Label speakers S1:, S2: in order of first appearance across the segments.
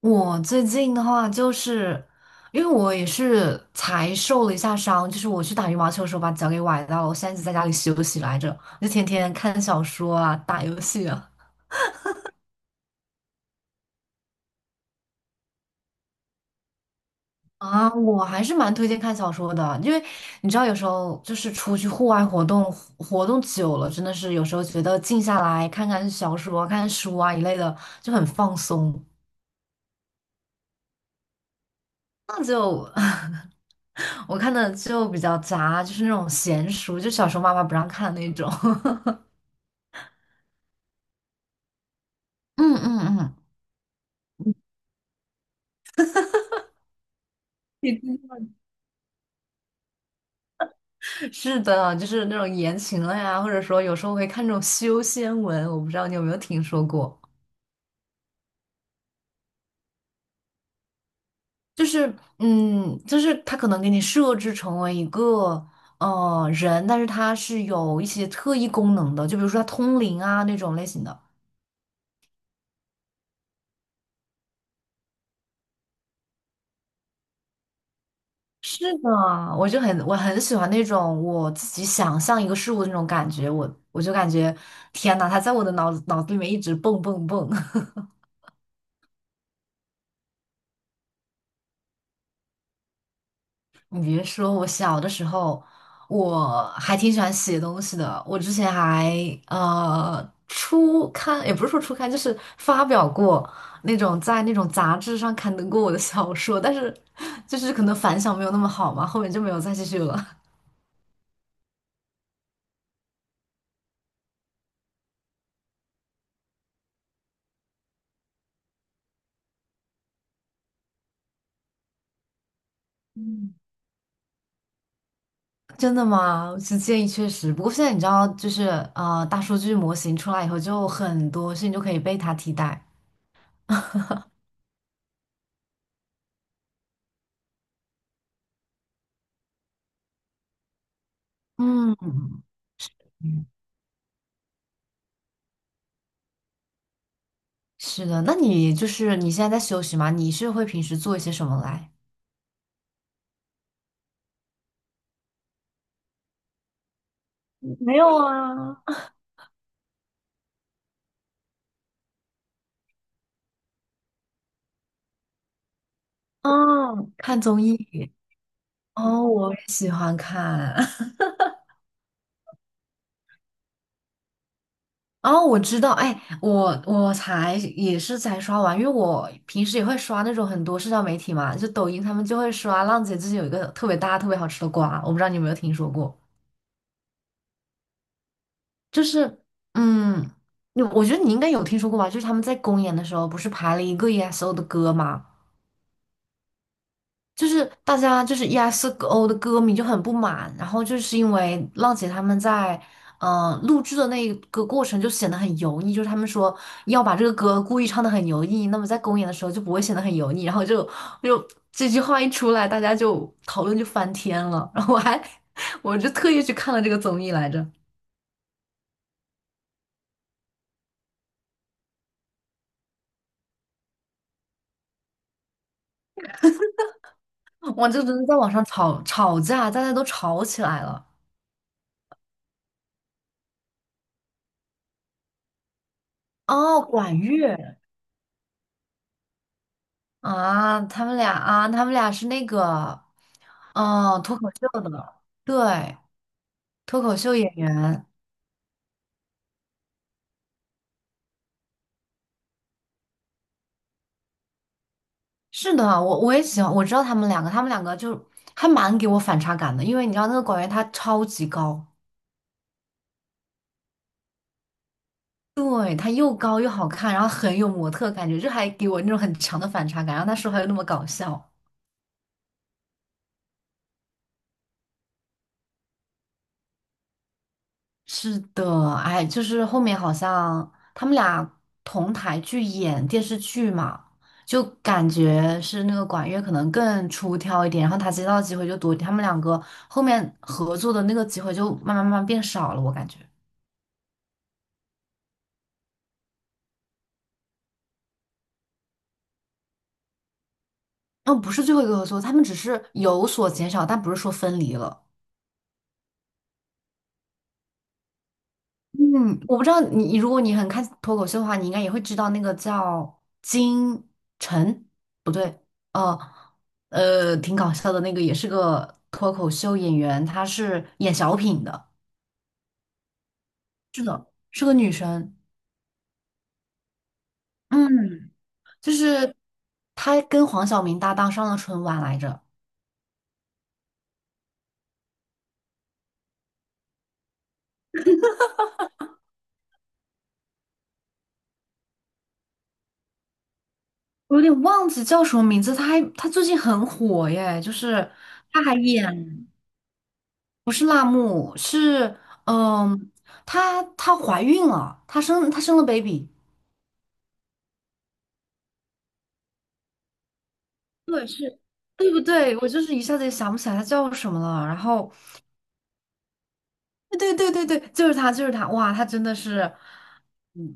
S1: 我最近的话，就是因为我也是才受了一下伤，就是我去打羽毛球的时候把脚给崴到了，我现在一直在家里休息来着，就天天看小说啊，打游戏啊。啊，我还是蛮推荐看小说的，因为你知道，有时候就是出去户外活动，活动久了，真的是有时候觉得静下来看看小说啊、看看书啊一类的，就很放松。那就 我看的就比较杂，就是那种闲书，就小时候妈妈不让看那种。嗯嗯嗯，是的，就是那种言情了呀，或者说有时候会看这种修仙文，我不知道你有没有听说过，就是他可能给你设置成为一个人，但是他是有一些特异功能的，就比如说他通灵啊那种类型的。是的，我很喜欢那种我自己想象一个事物的那种感觉，我就感觉天呐，他在我的脑子里面一直蹦蹦蹦。你别说，我小的时候我还挺喜欢写东西的。我之前还初刊，也不是说初刊，就是发表过那种在那种杂志上刊登过我的小说，但是就是可能反响没有那么好嘛，后面就没有再继续了。嗯，真的吗？是建议确实，不过现在你知道，就是大数据模型出来以后，就很多事情就可以被它替代。嗯，是的，那你就是你现在在休息吗？你是会平时做一些什么来？没有啊，嗯，看综艺。哦，我也喜欢看。哦，我知道，哎，我才也是才刷完，因为我平时也会刷那种很多社交媒体嘛，就抖音他们就会刷。浪姐最近有一个特别大、特别好吃的瓜，我不知道你有没有听说过，就是嗯，我觉得你应该有听说过吧？就是他们在公演的时候不是排了一个 EXO 的歌吗？就是大家就是 EXO 的歌迷就很不满，然后就是因为浪姐他们在录制的那个过程就显得很油腻，就是他们说要把这个歌故意唱得很油腻，那么在公演的时候就不会显得很油腻，然后就这句话一出来，大家就讨论就翻天了，然后我还 我就特意去看了这个综艺来着，哇，就真的在网上吵吵架，大家都吵起来了。哦，管乐啊，他们俩是那个。哦，脱口秀的，对，脱口秀演员，是的，我也喜欢，我知道他们两个，他们两个就还蛮给我反差感的，因为你知道那个广源他超级高，对，他又高又好看，然后很有模特感觉，就还给我那种很强的反差感，然后他说话又那么搞笑，是的，哎，就是后面好像他们俩同台去演电视剧嘛，就感觉是那个管乐可能更出挑一点，然后他接到的机会就多，他们两个后面合作的那个机会就慢慢慢慢变少了，我感觉。哦，不是最后一个合作，他们只是有所减少，但不是说分离了。嗯，我不知道你，如果你很看脱口秀的话，你应该也会知道那个叫金晨，不对，呃挺搞笑的那个，也是个脱口秀演员，她是演小品的，是个女生。嗯，就是她跟黄晓明搭档上了春晚来着，我有点忘记叫什么名字。她最近很火耶，就是她还演不是辣目，是嗯，她怀孕了，她生了 baby。对，是，对不对？我就是一下子也想不起来他叫什么了。然后，对对对对对，就是他，就是他。哇，他真的是，嗯，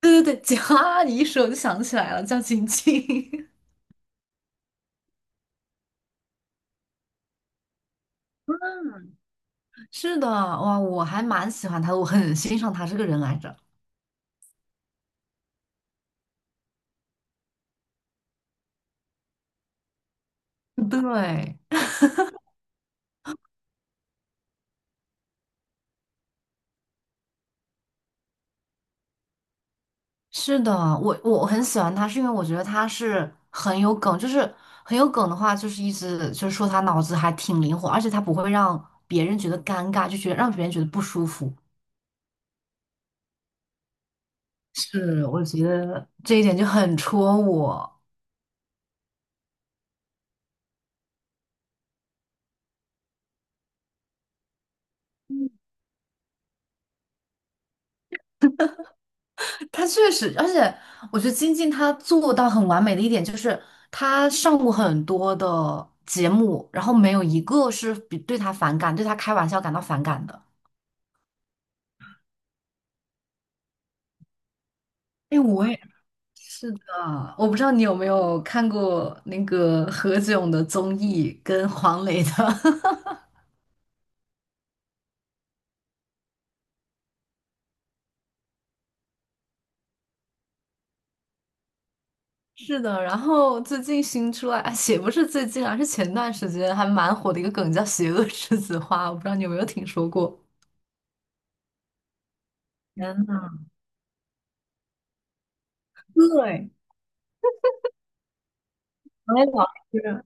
S1: 对对对，景啊，你一说我就想起来了，叫晶晶。是的，哇，我还蛮喜欢他的，我很欣赏他这个人来着。对，是的，我很喜欢他，是因为我觉得他是很有梗，就是很有梗的话，就是一直就是说他脑子还挺灵活，而且他不会让别人觉得尴尬，就觉得让别人觉得不舒服。是，我觉得这一点就很戳我。他确实，而且我觉得金靖他做到很完美的一点就是，他上过很多的节目，然后没有一个是比对他反感、对他开玩笑感到反感的。哎，我也是的。我不知道你有没有看过那个何炅的综艺跟黄磊的。是的，然后最近新出来，哎也不是最近啊，是前段时间还蛮火的一个梗叫"邪恶栀子花"，我不知道你有没有听说过。天呐，对，黄也老师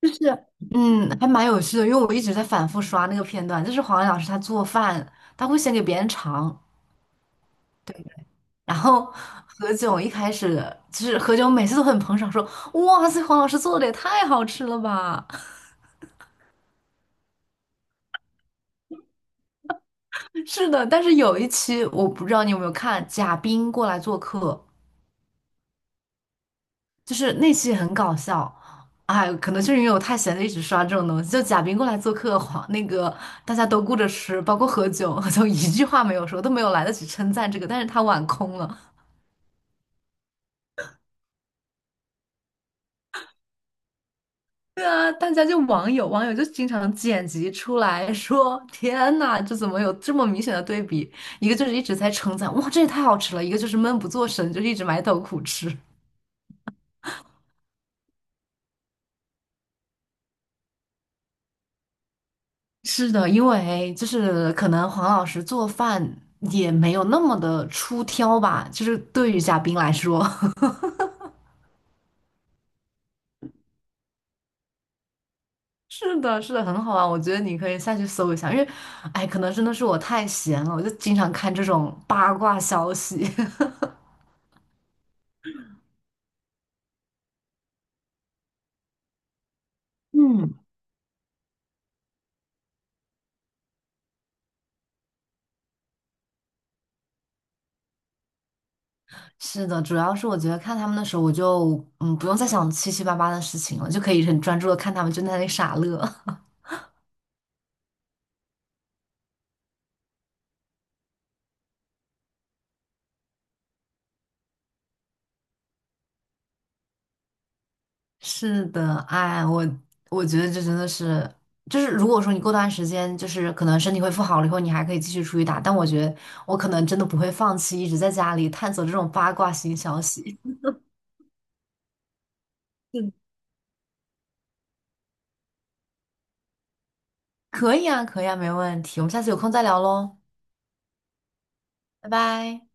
S1: 就是，还蛮有趣的，因为我一直在反复刷那个片段，就是黄磊老师他做饭，他会先给别人尝，然后何炅一开始就是何炅每次都很捧场，说哇塞，黄老师做的也太好吃了吧。是的，但是有一期我不知道你有没有看，贾冰过来做客。就是那期很搞笑，哎，可能就是因为我太闲了，一直刷这种东西。就贾冰过来做客，黄那个大家都顾着吃，包括喝酒，就一句话没有说，都没有来得及称赞这个，但是他碗空了。对啊，大家就网友就经常剪辑出来 说："天呐，这怎么有这么明显的对比？一个就是一直在称赞，哇，这也太好吃了；一个就是闷不作声，就是一直埋头苦吃。"是的，因为就是可能黄老师做饭也没有那么的出挑吧，就是对于嘉宾来说，是的，是的，很好啊，我觉得你可以下去搜一下，因为，哎，可能真的是我太闲了，我就经常看这种八卦消息。嗯，是的，主要是我觉得看他们的时候，我就不用再想七七八八的事情了，就可以很专注的看他们就在那里傻乐。是的，哎，我觉得这真的是，就是如果说你过段时间就是可能身体恢复好了以后，你还可以继续出去打，但我觉得我可能真的不会放弃，一直在家里探索这种八卦新消息。可以啊，可以啊，没问题，我们下次有空再聊喽，拜拜。